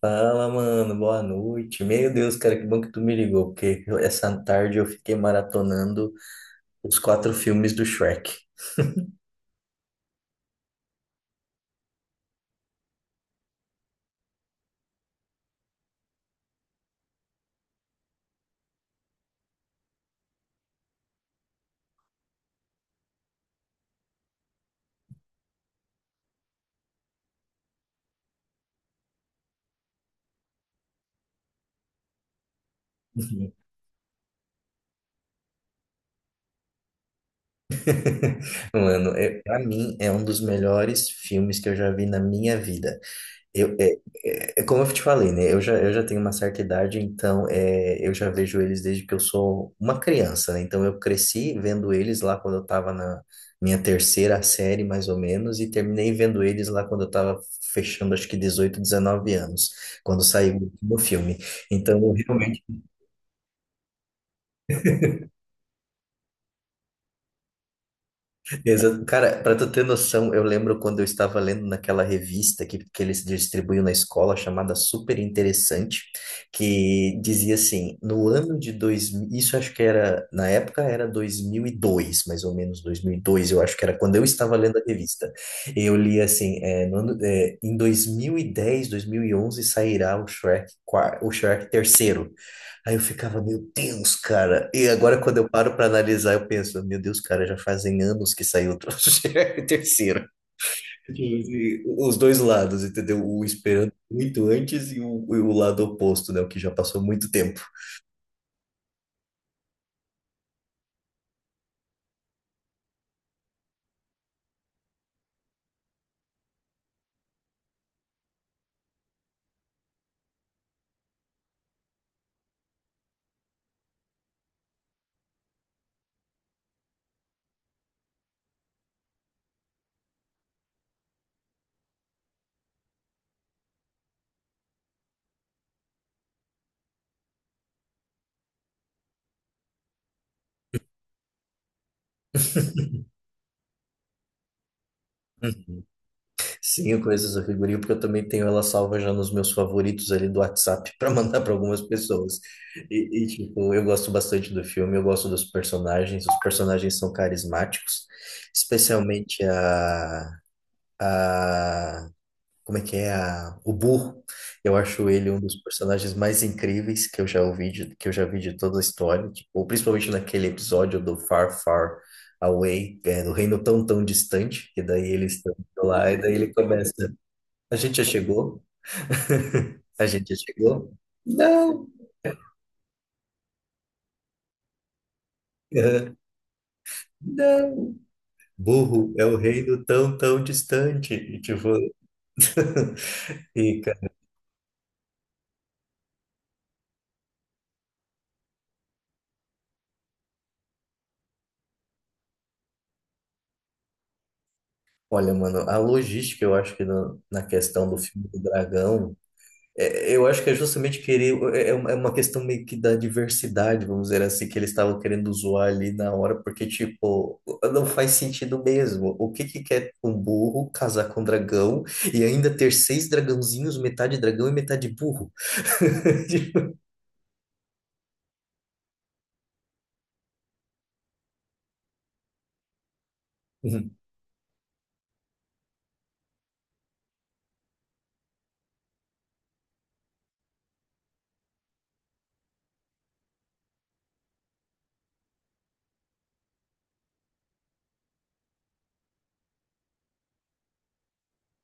Fala, mano, boa noite. Meu Deus, cara, que bom que tu me ligou, porque essa tarde eu fiquei maratonando os quatro filmes do Shrek. Uhum. Mano, é, pra mim é um dos melhores filmes que eu já vi na minha vida. Eu, é, é como eu te falei, né? Eu já tenho uma certa idade, então é, eu já vejo eles desde que eu sou uma criança, né? Então eu cresci vendo eles lá quando eu estava na minha terceira série, mais ou menos, e terminei vendo eles lá quando eu estava fechando, acho que 18, 19 anos, quando saiu o último filme. Então eu realmente exato. Cara, para tu ter noção, eu lembro quando eu estava lendo naquela revista que eles distribuíam na escola, chamada Super Interessante, que dizia assim, no ano de 2000, isso acho que era, na época era 2002, mais ou menos 2002 eu acho que era quando eu estava lendo a revista. Eu li assim, é, no ano- é, em dois dois mil mil e dez, 2011 sairá o Shrek, o Shrek terceiro. Aí eu ficava, meu Deus, cara. E agora, quando eu paro para analisar, eu penso, meu Deus, cara, já fazem anos que saiu o troço e terceiro. E os dois lados, entendeu? O esperando muito antes e o lado oposto, né? O que já passou muito tempo. Sim, eu conheço essa figurinha porque eu também tenho ela salva já nos meus favoritos ali do WhatsApp para mandar para algumas pessoas. E, tipo, eu gosto bastante do filme, eu gosto dos personagens, os personagens são carismáticos, especialmente a, como é que é a, o Burro. Eu acho ele um dos personagens mais incríveis que eu já ouvi, de, que eu já vi de toda a história, tipo, principalmente naquele episódio do Far Far Away, é, do reino tão tão distante, e daí eles estão lá, e daí ele começa, a gente já chegou, a gente já chegou. Não, eh, não. Burro é o reino tão, tão distante. E, tipo, e, olha, mano, a logística, eu acho que na questão do filme do Dragão, eu acho que é justamente querer, é, é uma questão meio que da diversidade, vamos dizer assim, que eles estavam querendo zoar ali na hora, porque, tipo, não faz sentido mesmo. O que que quer um burro casar com um dragão e ainda ter seis dragãozinhos, metade dragão e metade burro? Uhum,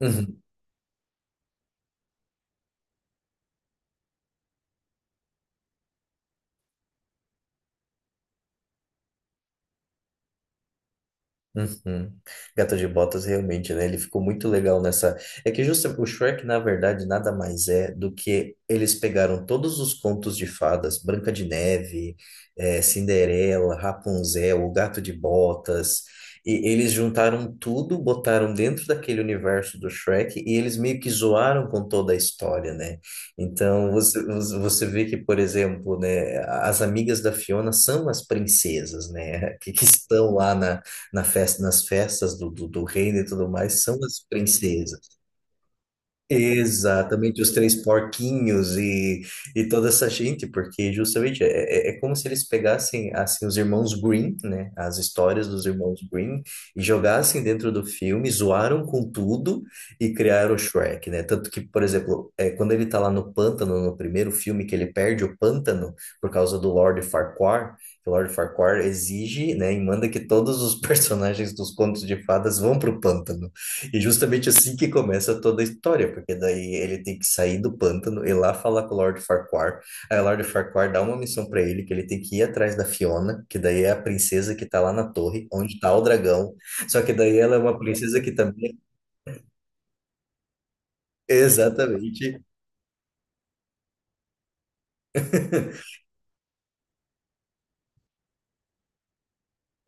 uhum. Uhum. Gato de Botas realmente, né? Ele ficou muito legal nessa. É que justa o Shrek, na verdade, nada mais é do que eles pegaram todos os contos de fadas, Branca de Neve, eh, Cinderela, Rapunzel, o Gato de Botas, e eles juntaram tudo, botaram dentro daquele universo do Shrek e eles meio que zoaram com toda a história, né? Então você vê que, por exemplo, né, as amigas da Fiona são as princesas, né? Que estão lá na na festa, nas festas do reino e tudo mais, são as princesas. Exatamente, os três porquinhos e toda essa gente, porque justamente é, é como se eles pegassem assim os irmãos Green, né, as histórias dos irmãos Green e jogassem dentro do filme, zoaram com tudo e criaram o Shrek, né? Tanto que, por exemplo, é, quando ele tá lá no pântano, no primeiro filme que ele perde o pântano por causa do Lord Farquaad, que o Lord Farquaad exige, né, e manda que todos os personagens dos contos de fadas vão pro pântano. E justamente assim que começa toda a história, porque daí ele tem que sair do pântano e lá falar com o Lord Farquaad. Aí o Lord Farquaad dá uma missão pra ele, que ele tem que ir atrás da Fiona, que daí é a princesa que tá lá na torre, onde tá o dragão. Só que daí ela é uma princesa que também, exatamente,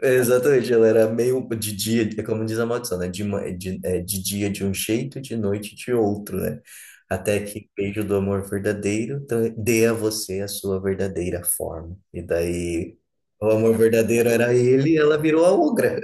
exatamente, ela era meio de dia, é como diz a maldição, né? De, de, é, de dia de um jeito, de noite de outro, né? Até que o beijo do amor verdadeiro dê a você a sua verdadeira forma. E daí, o amor verdadeiro era ele e ela virou a ogra.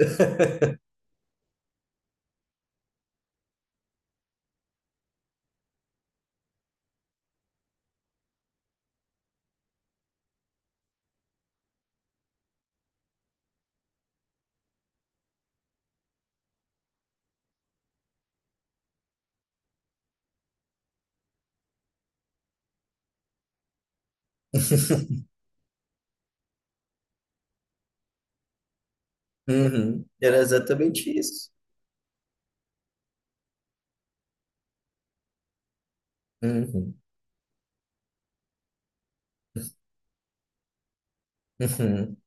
Uhum, era exatamente isso. Uhum, uhum,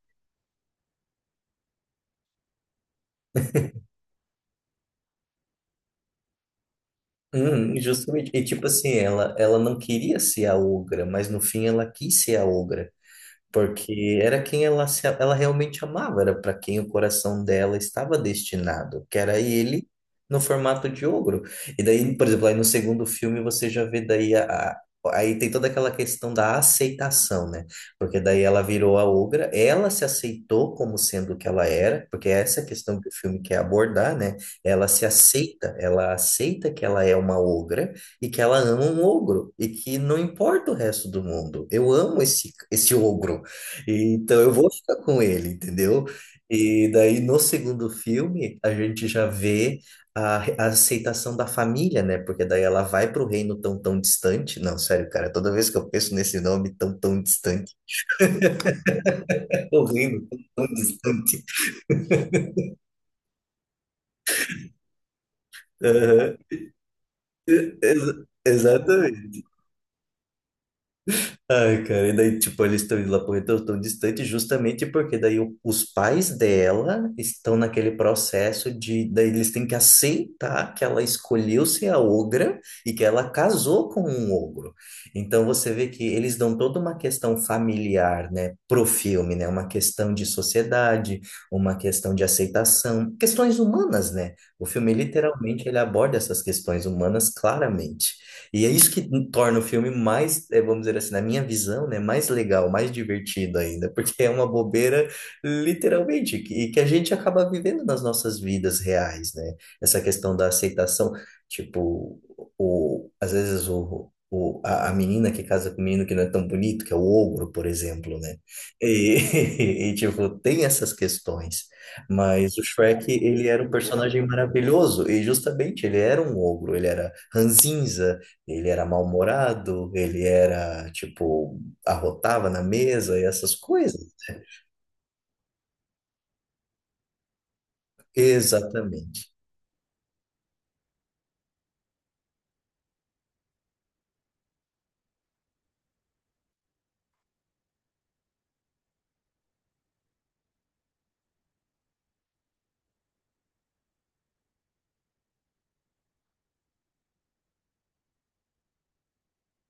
uhum, justamente. E tipo assim, ela não queria ser a ogra, mas no fim ela quis ser a ogra. Porque era quem ela, ela realmente amava, era para quem o coração dela estava destinado, que era ele no formato de ogro. E daí, por exemplo, aí no segundo filme você já vê daí aí tem toda aquela questão da aceitação, né? Porque daí ela virou a ogra, ela se aceitou como sendo o que ela era, porque essa é a questão que o filme quer abordar, né? Ela se aceita, ela aceita que ela é uma ogra e que ela ama um ogro e que não importa o resto do mundo. Eu amo esse ogro. Então eu vou ficar com ele, entendeu? E daí no segundo filme a gente já vê a, a aceitação da família, né? Porque daí ela vai para o reino tão tão distante. Não, sério, cara, toda vez que eu penso nesse nome tão tão distante, o reino tão tão distante. Aham. Exatamente. Ai, cara, e daí, tipo, eles estão indo lá pro retorno tão distante justamente porque daí os pais dela estão naquele processo de, daí eles têm que aceitar que ela escolheu ser a ogra e que ela casou com um ogro. Então você vê que eles dão toda uma questão familiar, né, pro filme, né, uma questão de sociedade, uma questão de aceitação, questões humanas, né? O filme literalmente ele aborda essas questões humanas claramente. E é isso que torna o filme mais, eh, vamos dizer assim, na minha visão, né, mais legal, mais divertido ainda, porque é uma bobeira, literalmente, e que a gente acaba vivendo nas nossas vidas reais, né? Essa questão da aceitação, tipo, o, às vezes a menina que casa com o menino que não é tão bonito, que é o ogro, por exemplo, né? E, e tipo, tem essas questões. Mas o Shrek, ele era um personagem maravilhoso, e justamente ele era um ogro, ele era ranzinza, ele era mal-humorado, ele era, tipo, arrotava na mesa e essas coisas. Né? Exatamente.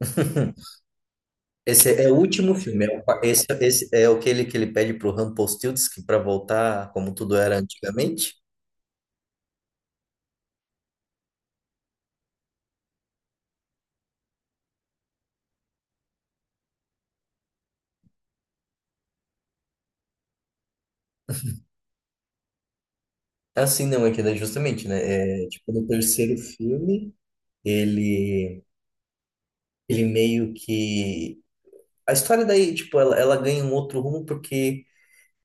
Esse é o último filme. Esse, esse é aquele que ele pede pro Rumpelstiltskin para voltar como tudo era antigamente. Assim, não, é que é justamente, né? É, tipo, no terceiro filme, ele, ele meio que... A história daí, tipo, ela ganha um outro rumo porque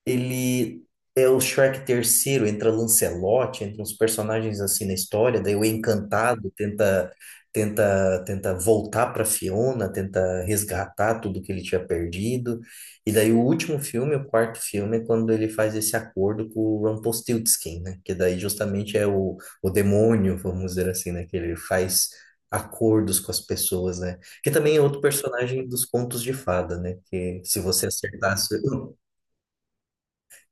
ele é o Shrek terceiro, entra Lancelot, entra uns personagens assim na história, daí o Encantado tenta voltar para Fiona, tenta resgatar tudo que ele tinha perdido. E daí o último filme, o quarto filme, é quando ele faz esse acordo com o Rumpelstiltskin, né? Que daí justamente é o demônio, vamos dizer assim, né? Que ele faz acordos com as pessoas, né? Que também é outro personagem dos contos de fada, né? Que se você acertasse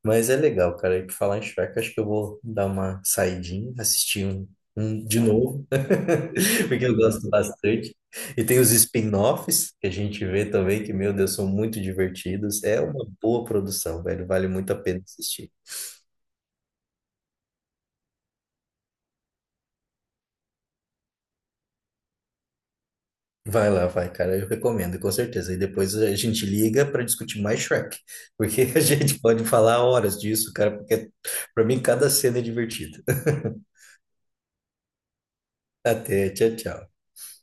mas é legal, cara. E por falar em Shrek, acho que eu vou dar uma saidinha, assistir um, um de novo, porque eu gosto bastante. E tem os spin-offs que a gente vê também, que, meu Deus, são muito divertidos. É uma boa produção, velho. Vale muito a pena assistir. Vai lá, vai, cara. Eu recomendo, com certeza. E depois a gente liga para discutir mais Shrek, porque a gente pode falar horas disso, cara, porque para mim cada cena é divertida. Até, tchau, tchau.